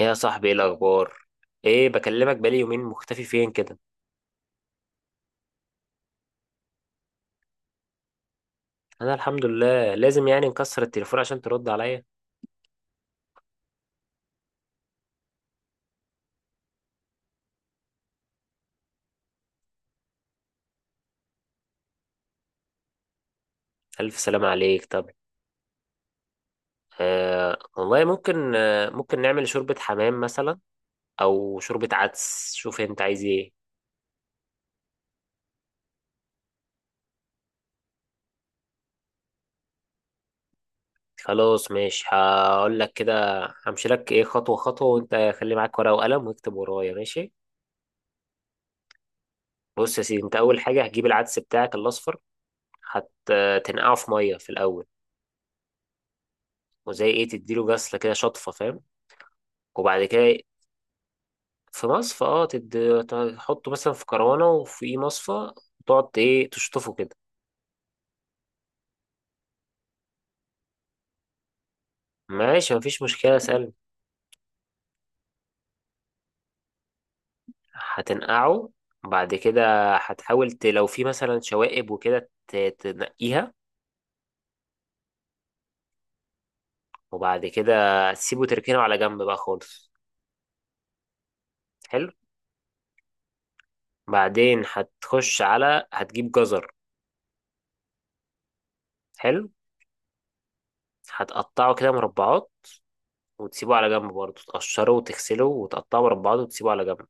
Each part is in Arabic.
ايه يا صاحبي، ايه الاخبار؟ ايه، بكلمك بقالي يومين، مختفي فين كده؟ انا الحمد لله. لازم يعني نكسر التليفون عشان ترد عليا. الف سلام عليك. طب آه والله ممكن، آه ممكن نعمل شوربة حمام مثلا، او شوربة عدس. شوف انت عايز ايه. خلاص ماشي، هقول لك كده. همشي لك ايه خطوة خطوة، وانت خلي معاك ورقة وقلم واكتب ورايا، ماشي؟ بص يا سيدي، انت اول حاجة هتجيب العدس بتاعك الاصفر، هتنقعه في مية في الاول، وزي ايه تديله غسلة كده، شطفة، فاهم؟ وبعد كده في مصفى، اه. تحطه مثلا في كروانة وفي مصفى، وتقعد ايه تشطفه كده. ماشي، مفيش مشكلة، سهل. هتنقعه بعد كده، هتحاول لو في مثلا شوائب وكده تنقيها. وبعد كده تسيبه، تركنه على جنب بقى خالص. حلو. بعدين هتخش على، هتجيب جزر. حلو. هتقطعه كده مربعات وتسيبه على جنب، برضه تقشره وتغسله وتقطعه مربعات وتسيبه على جنب.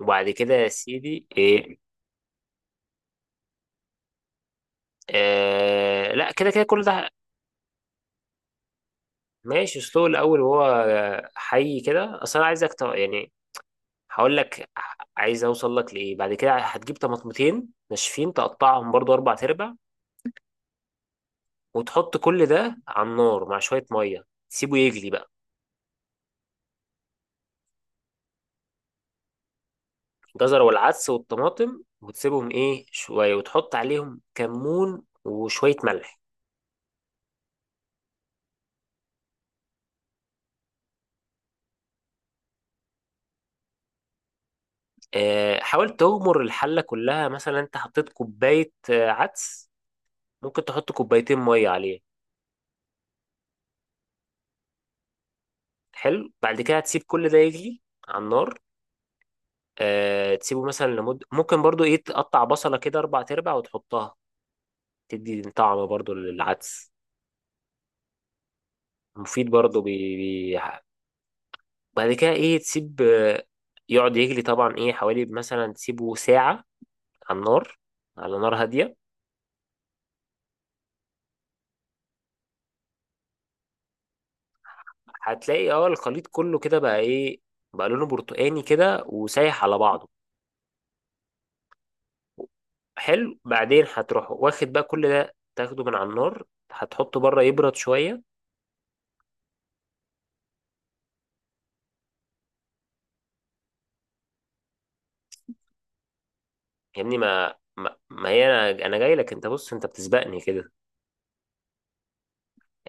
وبعد كده يا سيدي ايه، آه لا كده كده كل ده. ماشي، سلو الاول وهو حي كده، اصل انا عايزك يعني هقول لك عايز اوصل لك لايه. بعد كده هتجيب طماطمتين ناشفين، تقطعهم برضو اربع تربع، وتحط كل ده على النار مع شويه ميه، تسيبه يجلي بقى. الجزر والعدس والطماطم، وتسيبهم ايه شويه، وتحط عليهم كمون وشويه ملح. آه حاول تغمر الحله كلها، مثلا انت حطيت كوبايه عدس، ممكن تحط كوبايتين ميه عليه. حلو، بعد كده هتسيب كل ده يغلي على النار. آه تسيبه مثلا لمدة، ممكن برضو ايه تقطع بصلة كده اربع ارباع وتحطها، تدي طعم برضو للعدس. مفيد برضو بعد كده ايه تسيب يقعد يغلي. طبعا ايه حوالي مثلا تسيبه ساعة على النار، على نار هادية. هتلاقي اه الخليط كله كده بقى ايه، بقى لونه برتقاني كده وسايح على بعضه. حلو، بعدين هتروح واخد بقى كل ده، تاخده من على النار، هتحطه بره يبرد شوية. يا ابني، ما هي انا جاي لك. انت بص، انت بتسبقني كده.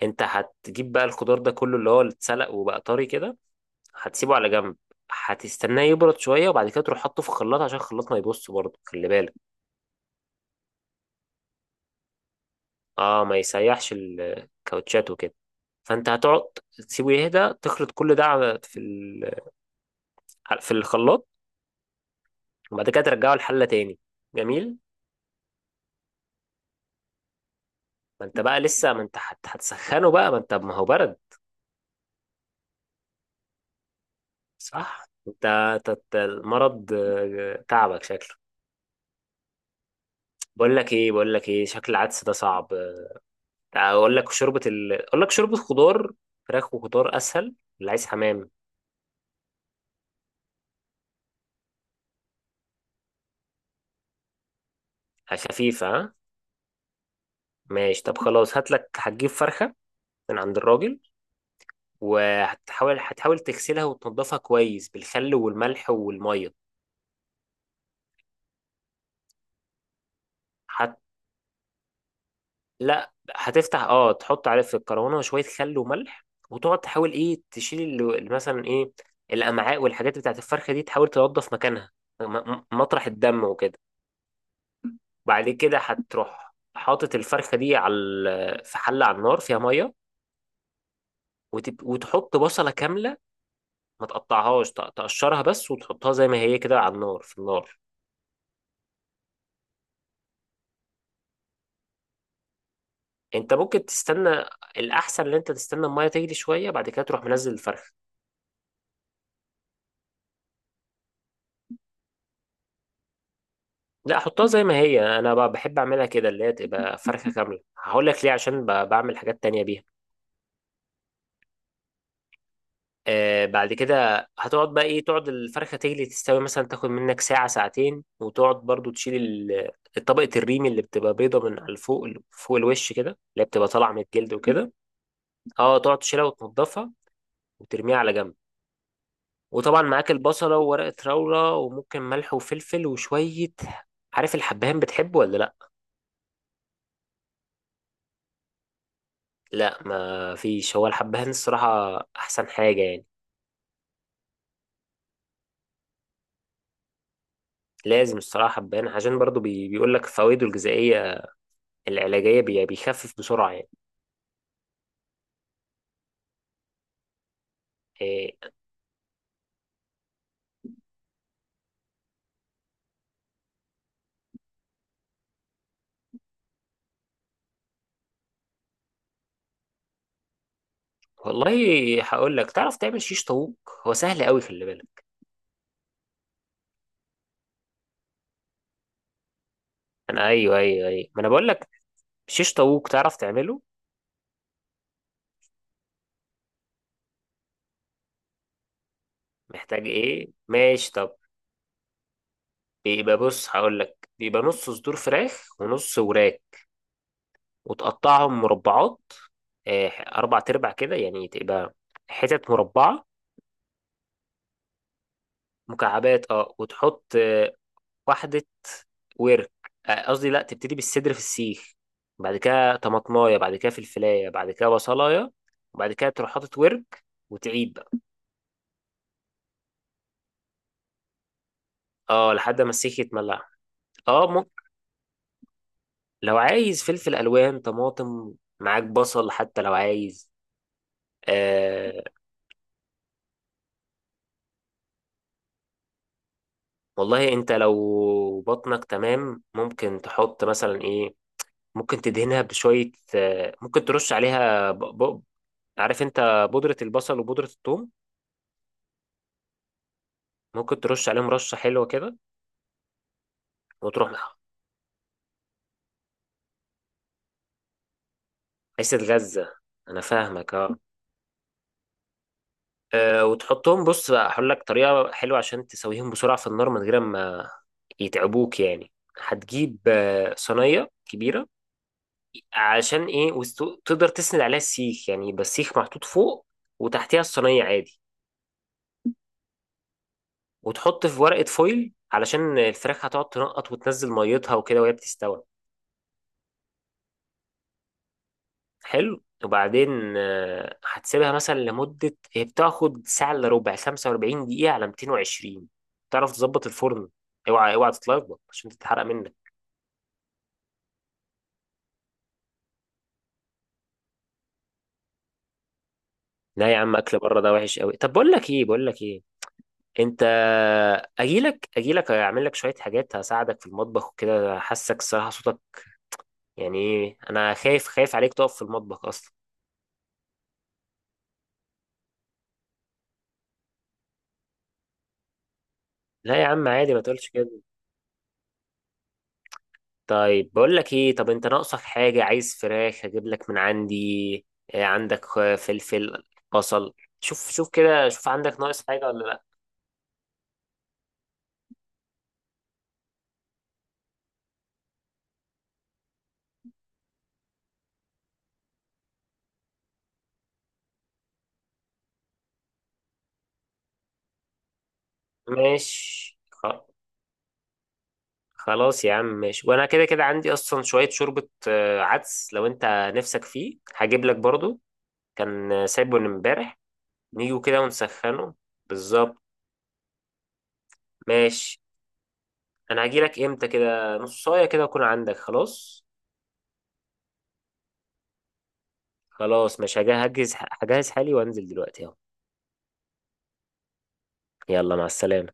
انت هتجيب بقى الخضار ده كله اللي هو اللي اتسلق وبقى طري كده، هتسيبه على جنب، هتستناه يبرد شويه، وبعد كده تروح حاطه في الخلاط، عشان الخلاط ما يبص برضه، خلي بالك. اه ما يسيحش الكاوتشات وكده. فانت هتقعد تسيبه يهدى، تخلط كل ده في الخلاط، وبعد كده ترجعه الحله تاني. جميل. ما انت بقى لسه، ما انت هتسخنه بقى، ما انت ما هو برد. صح؟ انت أنت المرض تعبك شكله. بقول لك ايه، بقول لك ايه، شكل العدس ده صعب، اقول لك اقول لك شوربه خضار، فراخ وخضار اسهل. اللي عايز حمام خفيفه، ها ماشي. طب خلاص هات لك، هتجيب فرخه من عند الراجل، وهتحاول تغسلها وتنضفها كويس بالخل والملح والميه. هت... لا هتفتح، اه تحط عليه في الكرونه شويه خل وملح، وتقعد تحاول ايه تشيل مثلا ايه الامعاء والحاجات بتاعت الفرخه دي، تحاول تنضف مكانها، م- مطرح الدم وكده. بعد كده هتروح حاطط الفرخة دي على في حلة على النار فيها مية، وتحط بصلة كاملة، ما تقطعهاش، تقشرها بس وتحطها زي ما هي كده على النار، في النار. انت ممكن تستنى، الأحسن ان انت تستنى المية تغلي شوية، بعد كده تروح منزل الفرخة. لا حطها زي ما هي، انا بحب اعملها كده، اللي هي تبقى فرخة كاملة. هقول لك ليه، عشان بعمل حاجات تانية بيها. آه بعد كده هتقعد بقى ايه، تقعد الفرخة تجلي تستوي، مثلا تاخد منك ساعة ساعتين، وتقعد برضو تشيل الطبقة الريم اللي بتبقى بيضة من على فوق فوق الوش كده، اللي هي بتبقى طالعة من الجلد وكده. اه تقعد تشيلها وتنضفها وترميها على جنب. وطبعا معاك البصلة وورقة راولة وممكن ملح وفلفل وشوية. عارف الحبهان، بتحبه ولا لا؟ لا ما فيش. هو الحبهان الصراحة احسن حاجة يعني، لازم الصراحة حبهان، عشان برضو بي بيقول لك فوائده الغذائية العلاجية، بيخفف بسرعة يعني. إيه؟ والله هقول لك، تعرف تعمل شيش طاووق؟ هو سهل قوي، خلي بالك. انا ايوه ايوه ايوه، ما انا بقول لك شيش طاووق، تعرف تعمله؟ محتاج ايه، ماشي طب. بيبقى بص هقول لك، بيبقى نص صدور فراخ ونص وراك، وتقطعهم مربعات، إيه اربع تربع كده، يعني تبقى حتت مربعة. مكعبات اه. وتحط واحدة ورك، قصدي لا، تبتدي بالصدر في السيخ، بعد كده طماطمايه، بعد كده فلفلايه، بعد كده بصلايه، وبعد كده تروح حاطط ورك، وتعيد بقى. اه لحد ما السيخ يتملع. اه ممكن، لو عايز فلفل الوان، طماطم، معاك بصل حتى لو عايز، آه. والله انت لو بطنك تمام، ممكن تحط مثلا ايه، ممكن تدهنها بشوية آه، ممكن ترش عليها عارف انت بودرة البصل وبودرة الثوم، ممكن ترش عليهم رشة حلوة كده، وتروح. حتة غزة، أنا فاهمك أه. وتحطهم، بص بقى هقول لك طريقة حلوة عشان تسويهم بسرعة في النار، من غير ما يتعبوك يعني. هتجيب صينية كبيرة، عشان إيه وتقدر تسند عليها السيخ، يعني يبقى السيخ محطوط فوق وتحتها الصينية عادي. وتحط في ورقة فويل، علشان الفراخ هتقعد تنقط وتنزل ميتها وكده وهي بتستوي. حلو، وبعدين هتسيبها مثلا لمدة، هي بتاخد ساعة إلا ربع، 45 دقيقة على 220. تعرف تظبط الفرن، اوعى اوعى تتلخبط عشان تتحرق منك. لا يا عم، اكل بره ده وحش قوي. طب بقول لك ايه، بقول لك ايه، انت، اجيلك اعمل لك شوية حاجات، هساعدك في المطبخ وكده، حاسك الصراحة صوتك يعني ايه، انا خايف عليك تقف في المطبخ اصلا. لا يا عم عادي، ما تقولش كده. طيب بقول لك ايه، طب انت ناقصك حاجة؟ عايز فراخ، هجيب لك من عندي. إيه عندك فلفل، بصل، شوف شوف كده، شوف عندك ناقص حاجة ولا لا. ماشي خلاص يا عم ماشي. وانا كده كده عندي اصلا شوية شوربة عدس، لو انت نفسك فيه هجيب لك برضو، كان سايبه من امبارح، نيجوا كده ونسخنه. بالظبط. ماشي. انا هجي لك امتى، كده نص ساعة كده اكون عندك، خلاص. خلاص مش هجهز، هجهز حالي وانزل دلوقتي اهو. يلا مع السلامة.